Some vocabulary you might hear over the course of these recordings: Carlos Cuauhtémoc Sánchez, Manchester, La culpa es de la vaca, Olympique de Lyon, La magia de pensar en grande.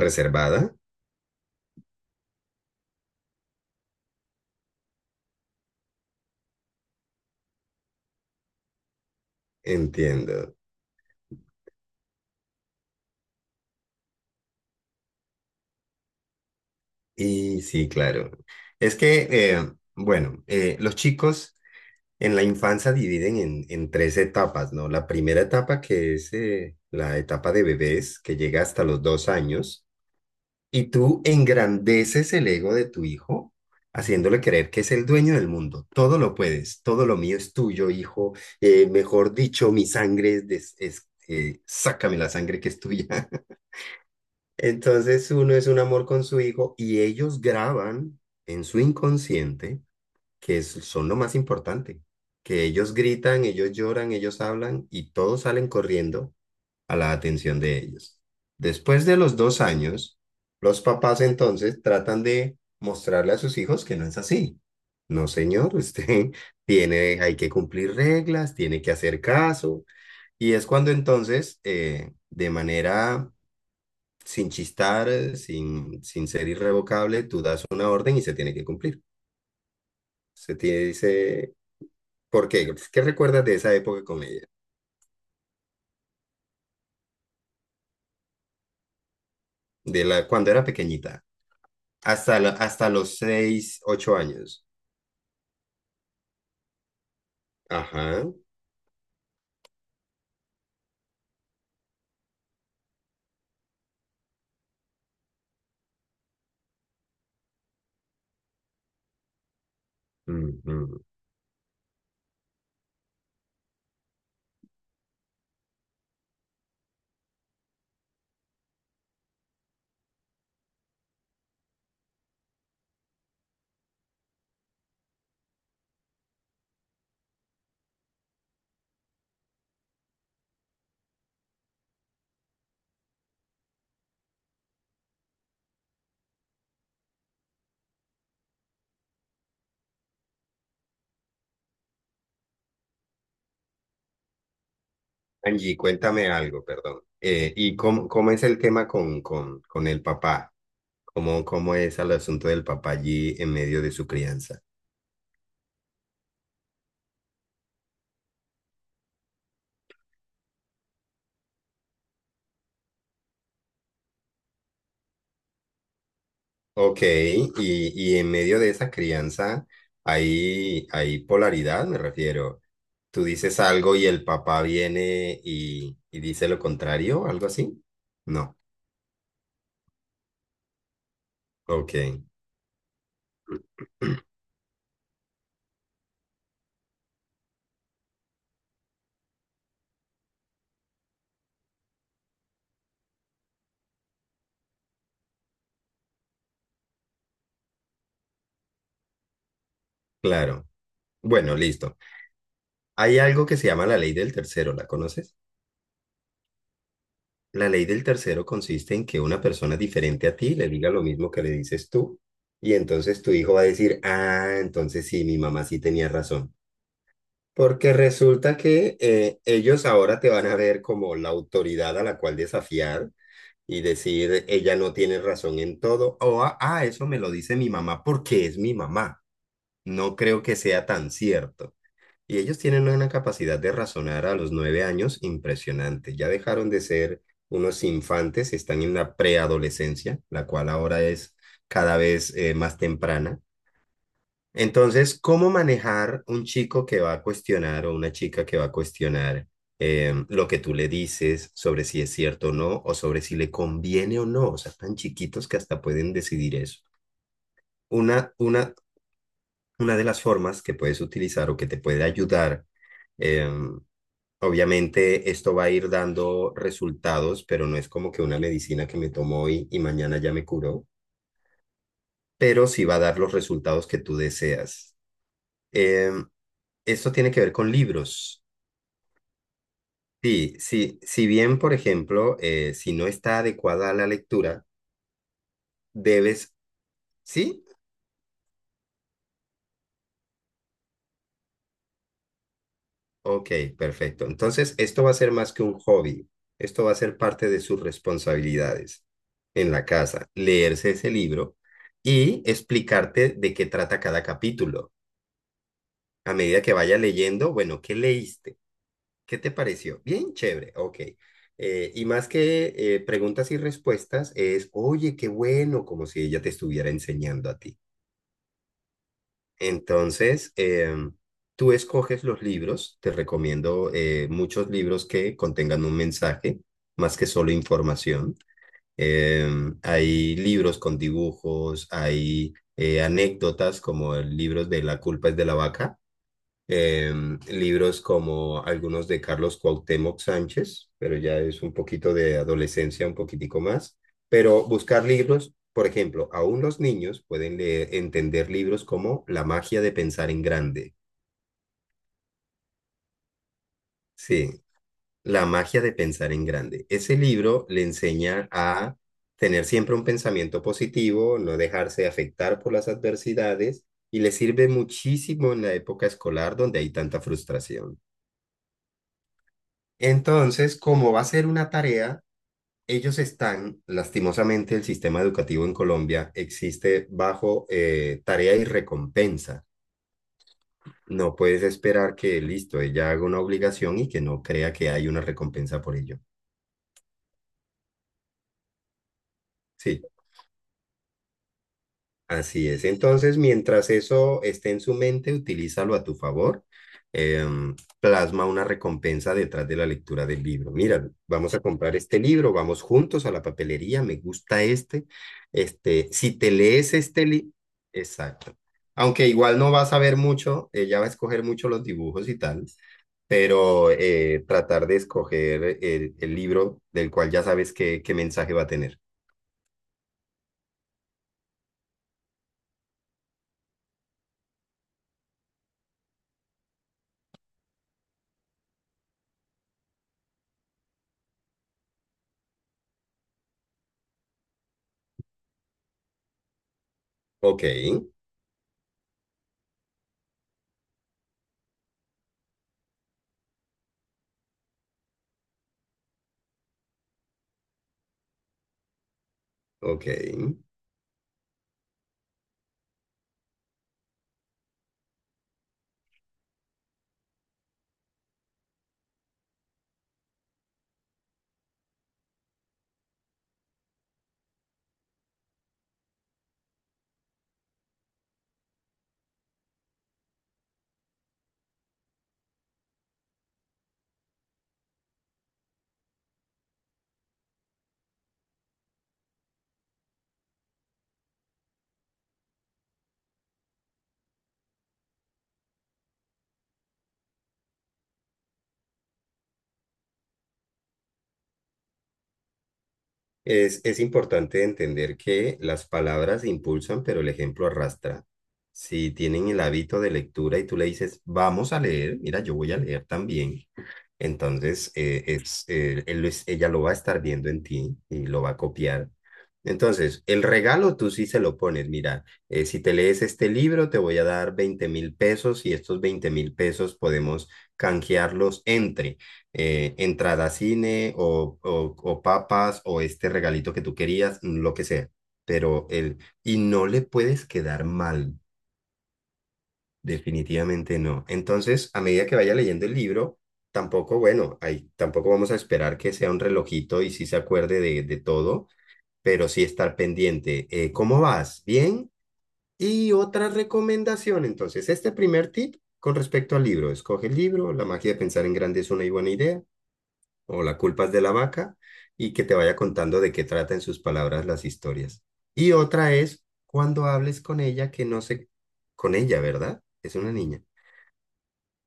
Reservada, entiendo. Y sí, claro. Es que, bueno, los chicos en la infancia dividen en tres etapas, ¿no? La primera etapa que es la etapa de bebés, que llega hasta los 2 años, y tú engrandeces el ego de tu hijo, haciéndole creer que es el dueño del mundo. Todo lo puedes, todo lo mío es tuyo, hijo. Mejor dicho, mi sangre sácame la sangre que es tuya. Entonces uno es un amor con su hijo y ellos graban en su inconsciente, que son lo más importante, que ellos gritan, ellos lloran, ellos hablan y todos salen corriendo a la atención de ellos. Después de los 2 años, los papás entonces tratan de mostrarle a sus hijos que no es así. No, señor, usted tiene, hay que cumplir reglas, tiene que hacer caso. Y es cuando entonces, de manera sin chistar, sin ser irrevocable, tú das una orden y se tiene que cumplir. Se te dice, ¿por qué? Pues, ¿qué recuerdas de esa época con ella? Cuando era pequeñita, hasta los 6, 8 años. Ajá. Ujú. Angie, cuéntame algo, perdón. ¿Y cómo es el tema con el papá? ¿Cómo es el asunto del papá allí en medio de su crianza? Ok, y en medio de esa crianza hay polaridad, me refiero. Tú dices algo y el papá viene y dice lo contrario, algo así. No, ok, claro. Bueno, listo. Hay algo que se llama la ley del tercero, ¿la conoces? La ley del tercero consiste en que una persona diferente a ti le diga lo mismo que le dices tú y entonces tu hijo va a decir, ah, entonces sí, mi mamá sí tenía razón. Porque resulta que ellos ahora te van a ver como la autoridad a la cual desafiar y decir, ella no tiene razón en todo, o ah, ah, eso me lo dice mi mamá porque es mi mamá. No creo que sea tan cierto. Y ellos tienen una capacidad de razonar a los 9 años impresionante. Ya dejaron de ser unos infantes, están en la preadolescencia, la cual ahora es cada vez más temprana. Entonces, ¿cómo manejar un chico que va a cuestionar o una chica que va a cuestionar lo que tú le dices sobre si es cierto o no, o sobre si le conviene o no? O sea, tan chiquitos que hasta pueden decidir eso. Una, una, una de las formas que puedes utilizar o que te puede ayudar, em, obviamente esto va a ir dando resultados, pero no es como que una medicina que me tomo hoy y mañana ya me curó, pero sí va a dar los resultados que tú deseas. Em, Esto tiene que ver con libros. Sí, sí, si bien, por ejemplo, si no está adecuada a la lectura, debes... ¿Sí? Ok, perfecto. Entonces, esto va a ser más que un hobby. Esto va a ser parte de sus responsabilidades en la casa, leerse ese libro y explicarte de qué trata cada capítulo. A medida que vaya leyendo, bueno, ¿qué leíste? ¿Qué te pareció? Bien, chévere, ok. Y más que preguntas y respuestas, es, oye, qué bueno, como si ella te estuviera enseñando a ti. Entonces, tú escoges los libros, te recomiendo muchos libros que contengan un mensaje, más que solo información. Hay libros con dibujos, hay anécdotas como el libro de La culpa es de la vaca. Libros como algunos de Carlos Cuauhtémoc Sánchez, pero ya es un poquito de adolescencia, un poquitico más. Pero buscar libros, por ejemplo, aún los niños pueden entender libros como La magia de pensar en grande. Sí, La magia de pensar en grande. Ese libro le enseña a tener siempre un pensamiento positivo, no dejarse afectar por las adversidades y le sirve muchísimo en la época escolar donde hay tanta frustración. Entonces, como va a ser una tarea, ellos están, lastimosamente, el sistema educativo en Colombia existe bajo tarea y recompensa. No puedes esperar que, listo, ella haga una obligación y que no crea que hay una recompensa por ello. Sí. Así es. Entonces, mientras eso esté en su mente, utilízalo a tu favor. Plasma una recompensa detrás de la lectura del libro. Mira, vamos a comprar este libro, vamos juntos a la papelería, me gusta este. Este, si te lees este libro, exacto. Aunque igual no vas a ver mucho, ella va a escoger mucho los dibujos y tal, pero tratar de escoger el libro del cual ya sabes qué mensaje va a tener. Ok, ok. Es importante entender que las palabras impulsan, pero el ejemplo arrastra. Si tienen el hábito de lectura y tú le dices, vamos a leer, mira, yo voy a leer también, entonces, ella lo va a estar viendo en ti y lo va a copiar. Entonces, el regalo tú sí se lo pones. Mira, si te lees este libro, te voy a dar 20.000 pesos y estos 20.000 pesos podemos canjearlos entre entrada a cine o, o papas o este regalito que tú querías, lo que sea. Pero él, y no le puedes quedar mal. Definitivamente no. Entonces, a medida que vaya leyendo el libro, tampoco, bueno, ahí tampoco vamos a esperar que sea un relojito y sí se acuerde de todo, pero sí estar pendiente. ¿Cómo vas? ¿Bien? Y otra recomendación, entonces, este primer tip con respecto al libro. Escoge el libro, La magia de pensar en grande es una y buena idea, o La culpa es de la vaca, y que te vaya contando de qué trata en sus palabras las historias. Y otra es cuando hables con ella que no con ella, ¿verdad? Es una niña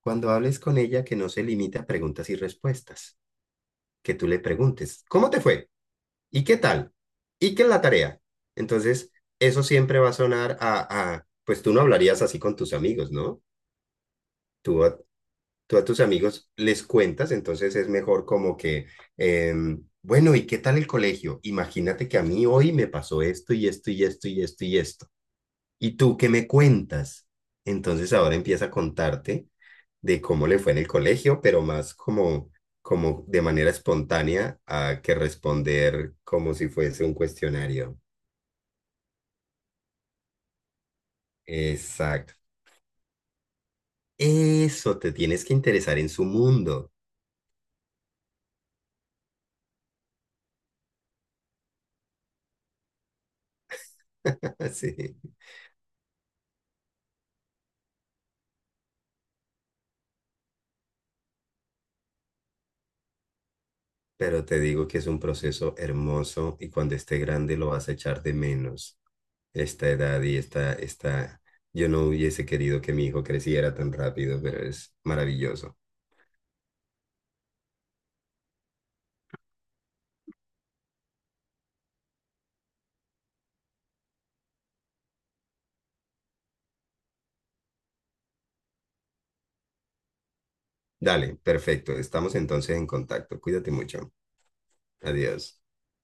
cuando hables con ella, que no se limite a preguntas y respuestas, que tú le preguntes, ¿cómo te fue? ¿Y qué tal? ¿Y qué es la tarea? Entonces, eso siempre va a sonar a, pues tú no hablarías así con tus amigos, ¿no? Tú a, tú a tus amigos les cuentas, entonces es mejor como que, bueno, ¿y qué tal el colegio? Imagínate que a mí hoy me pasó esto y esto y esto y esto y esto. ¿Y tú qué me cuentas? Entonces ahora empieza a contarte de cómo le fue en el colegio, pero más como de manera espontánea a que responder como si fuese un cuestionario. Exacto. Eso, te tienes que interesar en su mundo. Sí. Pero te digo que es un proceso hermoso y cuando esté grande lo vas a echar de menos. Esta edad y esta, yo no hubiese querido que mi hijo creciera tan rápido, pero es maravilloso. Dale, perfecto. Estamos entonces en contacto. Cuídate mucho. Adiós.